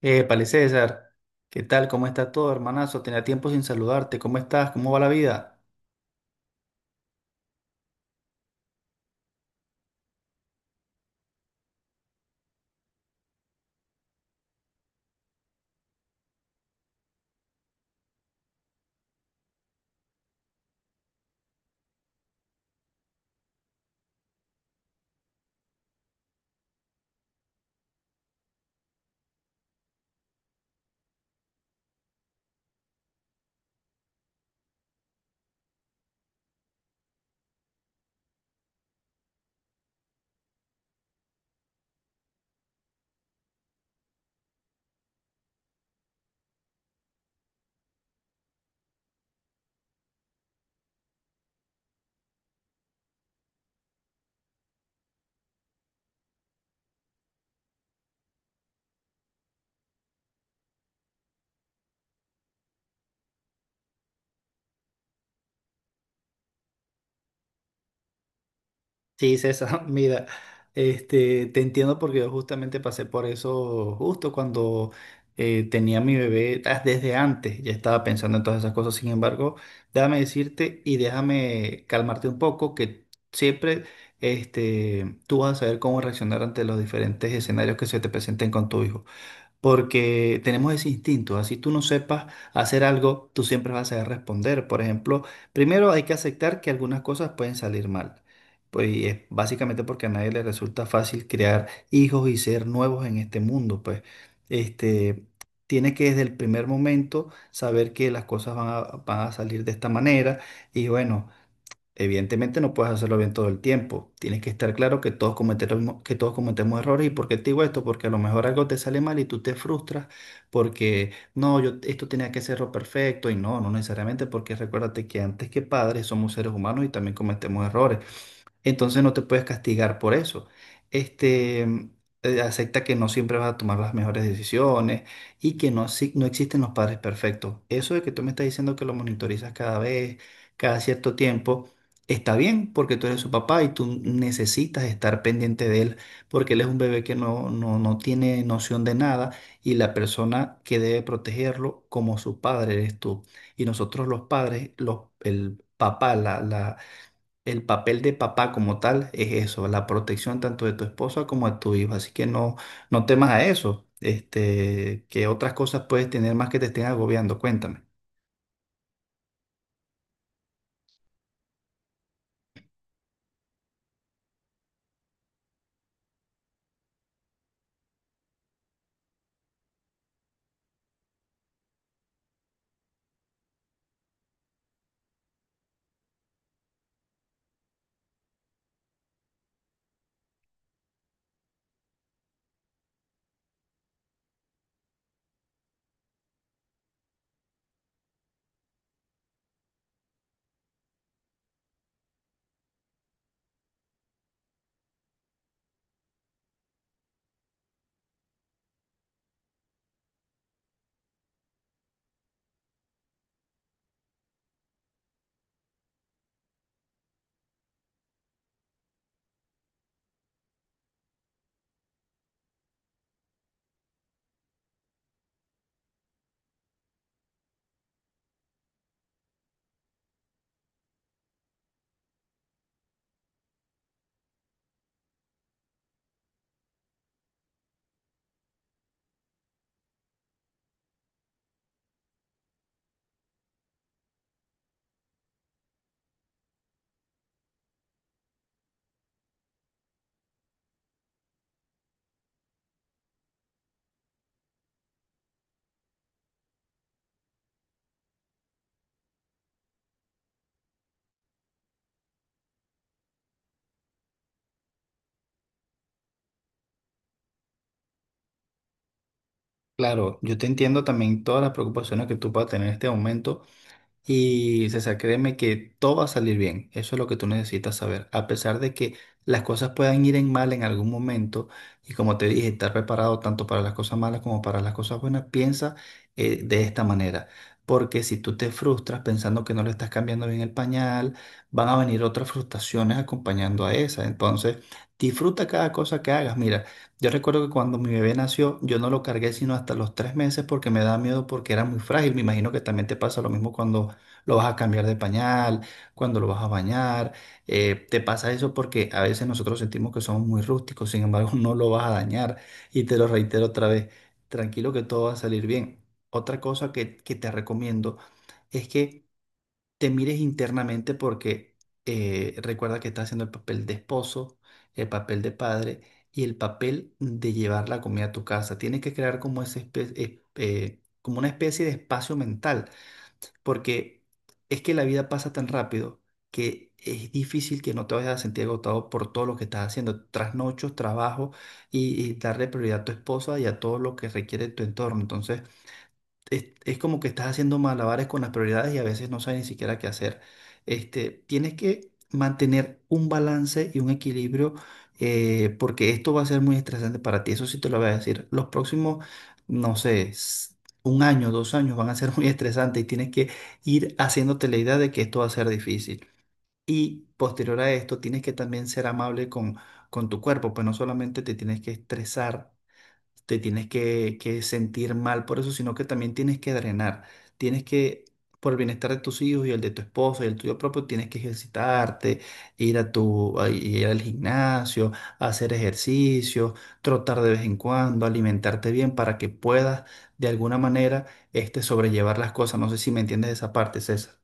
Épale, César, ¿qué tal? ¿Cómo está todo, hermanazo? Tenía tiempo sin saludarte. ¿Cómo estás? ¿Cómo va la vida? Sí, César, mira, te entiendo porque yo justamente pasé por eso justo cuando tenía mi bebé, ah, desde antes ya estaba pensando en todas esas cosas. Sin embargo, déjame decirte y déjame calmarte un poco que siempre tú vas a saber cómo reaccionar ante los diferentes escenarios que se te presenten con tu hijo. Porque tenemos ese instinto. Así tú no sepas hacer algo, tú siempre vas a saber responder. Por ejemplo, primero hay que aceptar que algunas cosas pueden salir mal. Pues y es básicamente porque a nadie le resulta fácil crear hijos y ser nuevos en este mundo. Pues este, tienes que desde el primer momento saber que las cosas van a salir de esta manera y bueno. Evidentemente no puedes hacerlo bien todo el tiempo. Tienes que estar claro que todos cometemos errores. ¿Y por qué te digo esto? Porque a lo mejor algo te sale mal y tú te frustras porque no, yo esto tenía que serlo perfecto y no, no necesariamente porque recuérdate que antes que padres somos seres humanos y también cometemos errores. Entonces no te puedes castigar por eso. Este, acepta que no siempre vas a tomar las mejores decisiones y que no, no existen los padres perfectos. Eso de que tú me estás diciendo que lo monitorizas cada vez, cada cierto tiempo, está bien porque tú eres su papá y tú necesitas estar pendiente de él porque él es un bebé que no, no, no tiene noción de nada y la persona que debe protegerlo como su padre eres tú. Y nosotros los padres, el papá, el papel de papá como tal es eso, la protección tanto de tu esposa como de tu hijo. Así que no, no temas a eso. Que otras cosas puedes tener más que te estén agobiando. Cuéntame. Claro, yo te entiendo también todas las preocupaciones que tú puedas tener en este momento. Y César, créeme que todo va a salir bien. Eso es lo que tú necesitas saber. A pesar de que las cosas puedan ir en mal en algún momento, y como te dije, estar preparado tanto para las cosas malas como para las cosas buenas, piensa de esta manera. Porque si tú te frustras pensando que no le estás cambiando bien el pañal, van a venir otras frustraciones acompañando a esa. Entonces, disfruta cada cosa que hagas. Mira, yo recuerdo que cuando mi bebé nació, yo no lo cargué sino hasta los 3 meses porque me da miedo porque era muy frágil. Me imagino que también te pasa lo mismo cuando lo vas a cambiar de pañal, cuando lo vas a bañar. Te pasa eso porque a veces nosotros sentimos que somos muy rústicos, sin embargo no lo vas a dañar. Y te lo reitero otra vez, tranquilo que todo va a salir bien. Otra cosa que te recomiendo es que te mires internamente porque recuerda que estás haciendo el papel de esposo, el papel de padre y el papel de llevar la comida a tu casa. Tienes que crear como, como una especie de espacio mental porque es que la vida pasa tan rápido que es difícil que no te vayas a sentir agotado por todo lo que estás haciendo, trasnochos, trabajo y darle prioridad a tu esposa y a todo lo que requiere tu entorno. Entonces, es como que estás haciendo malabares con las prioridades y a veces no sabes ni siquiera qué hacer. Tienes que mantener un balance y un equilibrio porque esto va a ser muy estresante para ti. Eso sí te lo voy a decir. Los próximos, no sé, un año, 2 años van a ser muy estresantes y tienes que ir haciéndote la idea de que esto va a ser difícil. Y posterior a esto, tienes que también ser amable con, tu cuerpo, pues no solamente te tienes que estresar, te tienes que sentir mal por eso, sino que también tienes que drenar. Tienes que, por el bienestar de tus hijos y el de tu esposa y el tuyo propio, tienes que ejercitarte, ir a tu, a ir al gimnasio, hacer ejercicio, trotar de vez en cuando, alimentarte bien para que puedas de alguna manera sobrellevar las cosas. No sé si me entiendes esa parte, César.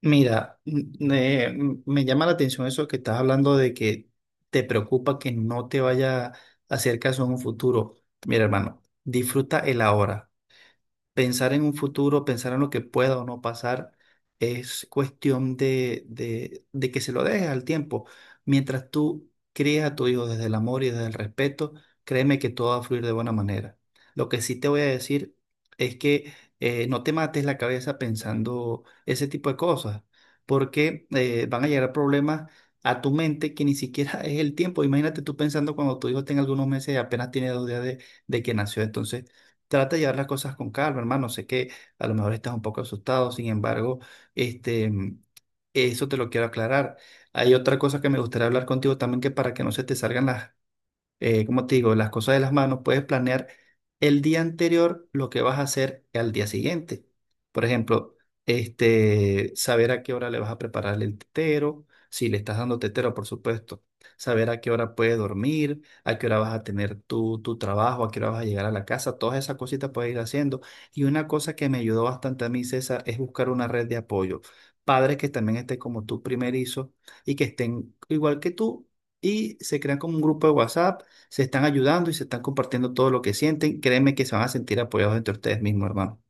Mira, me llama la atención eso que estás hablando de que te preocupa que no te vaya a hacer caso en un futuro. Mira, hermano, disfruta el ahora. Pensar en un futuro, pensar en lo que pueda o no pasar, es cuestión de que se lo dejes al tiempo. Mientras tú crías a tu hijo desde el amor y desde el respeto, créeme que todo va a fluir de buena manera. Lo que sí te voy a decir es que no te mates la cabeza pensando ese tipo de cosas, porque van a llegar problemas a tu mente que ni siquiera es el tiempo. Imagínate tú pensando cuando tu hijo tenga algunos meses y apenas tiene 2 días de que nació. Entonces, trata de llevar las cosas con calma, hermano. Sé que a lo mejor estás un poco asustado, sin embargo, este, eso te lo quiero aclarar. Hay otra cosa que me gustaría hablar contigo también, que para que no se te salgan las como te digo, las cosas de las manos, puedes planear el día anterior lo que vas a hacer al día siguiente. Por ejemplo, saber a qué hora le vas a preparar el tetero, si le estás dando tetero, por supuesto. Saber a qué hora puede dormir, a qué hora vas a tener tu trabajo, a qué hora vas a llegar a la casa, todas esas cositas puedes ir haciendo. Y una cosa que me ayudó bastante a mí, César, es buscar una red de apoyo. Padres que también estén como tú primerizo y que estén igual que tú y se crean como un grupo de WhatsApp, se están ayudando y se están compartiendo todo lo que sienten. Créeme que se van a sentir apoyados entre ustedes mismos, hermano.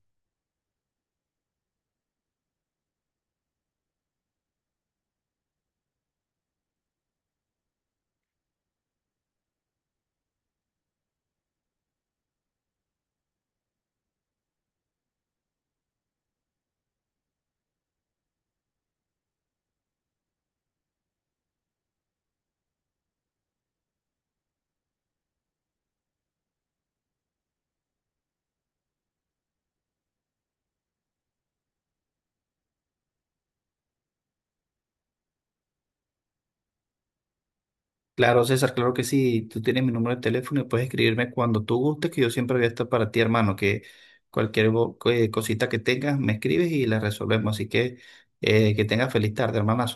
Claro, César, claro que sí. Tú tienes mi número de teléfono y puedes escribirme cuando tú gustes, que yo siempre voy a estar para ti, hermano. Que cualquier cosita que tengas, me escribes y la resolvemos. Así que tengas feliz tarde, hermano.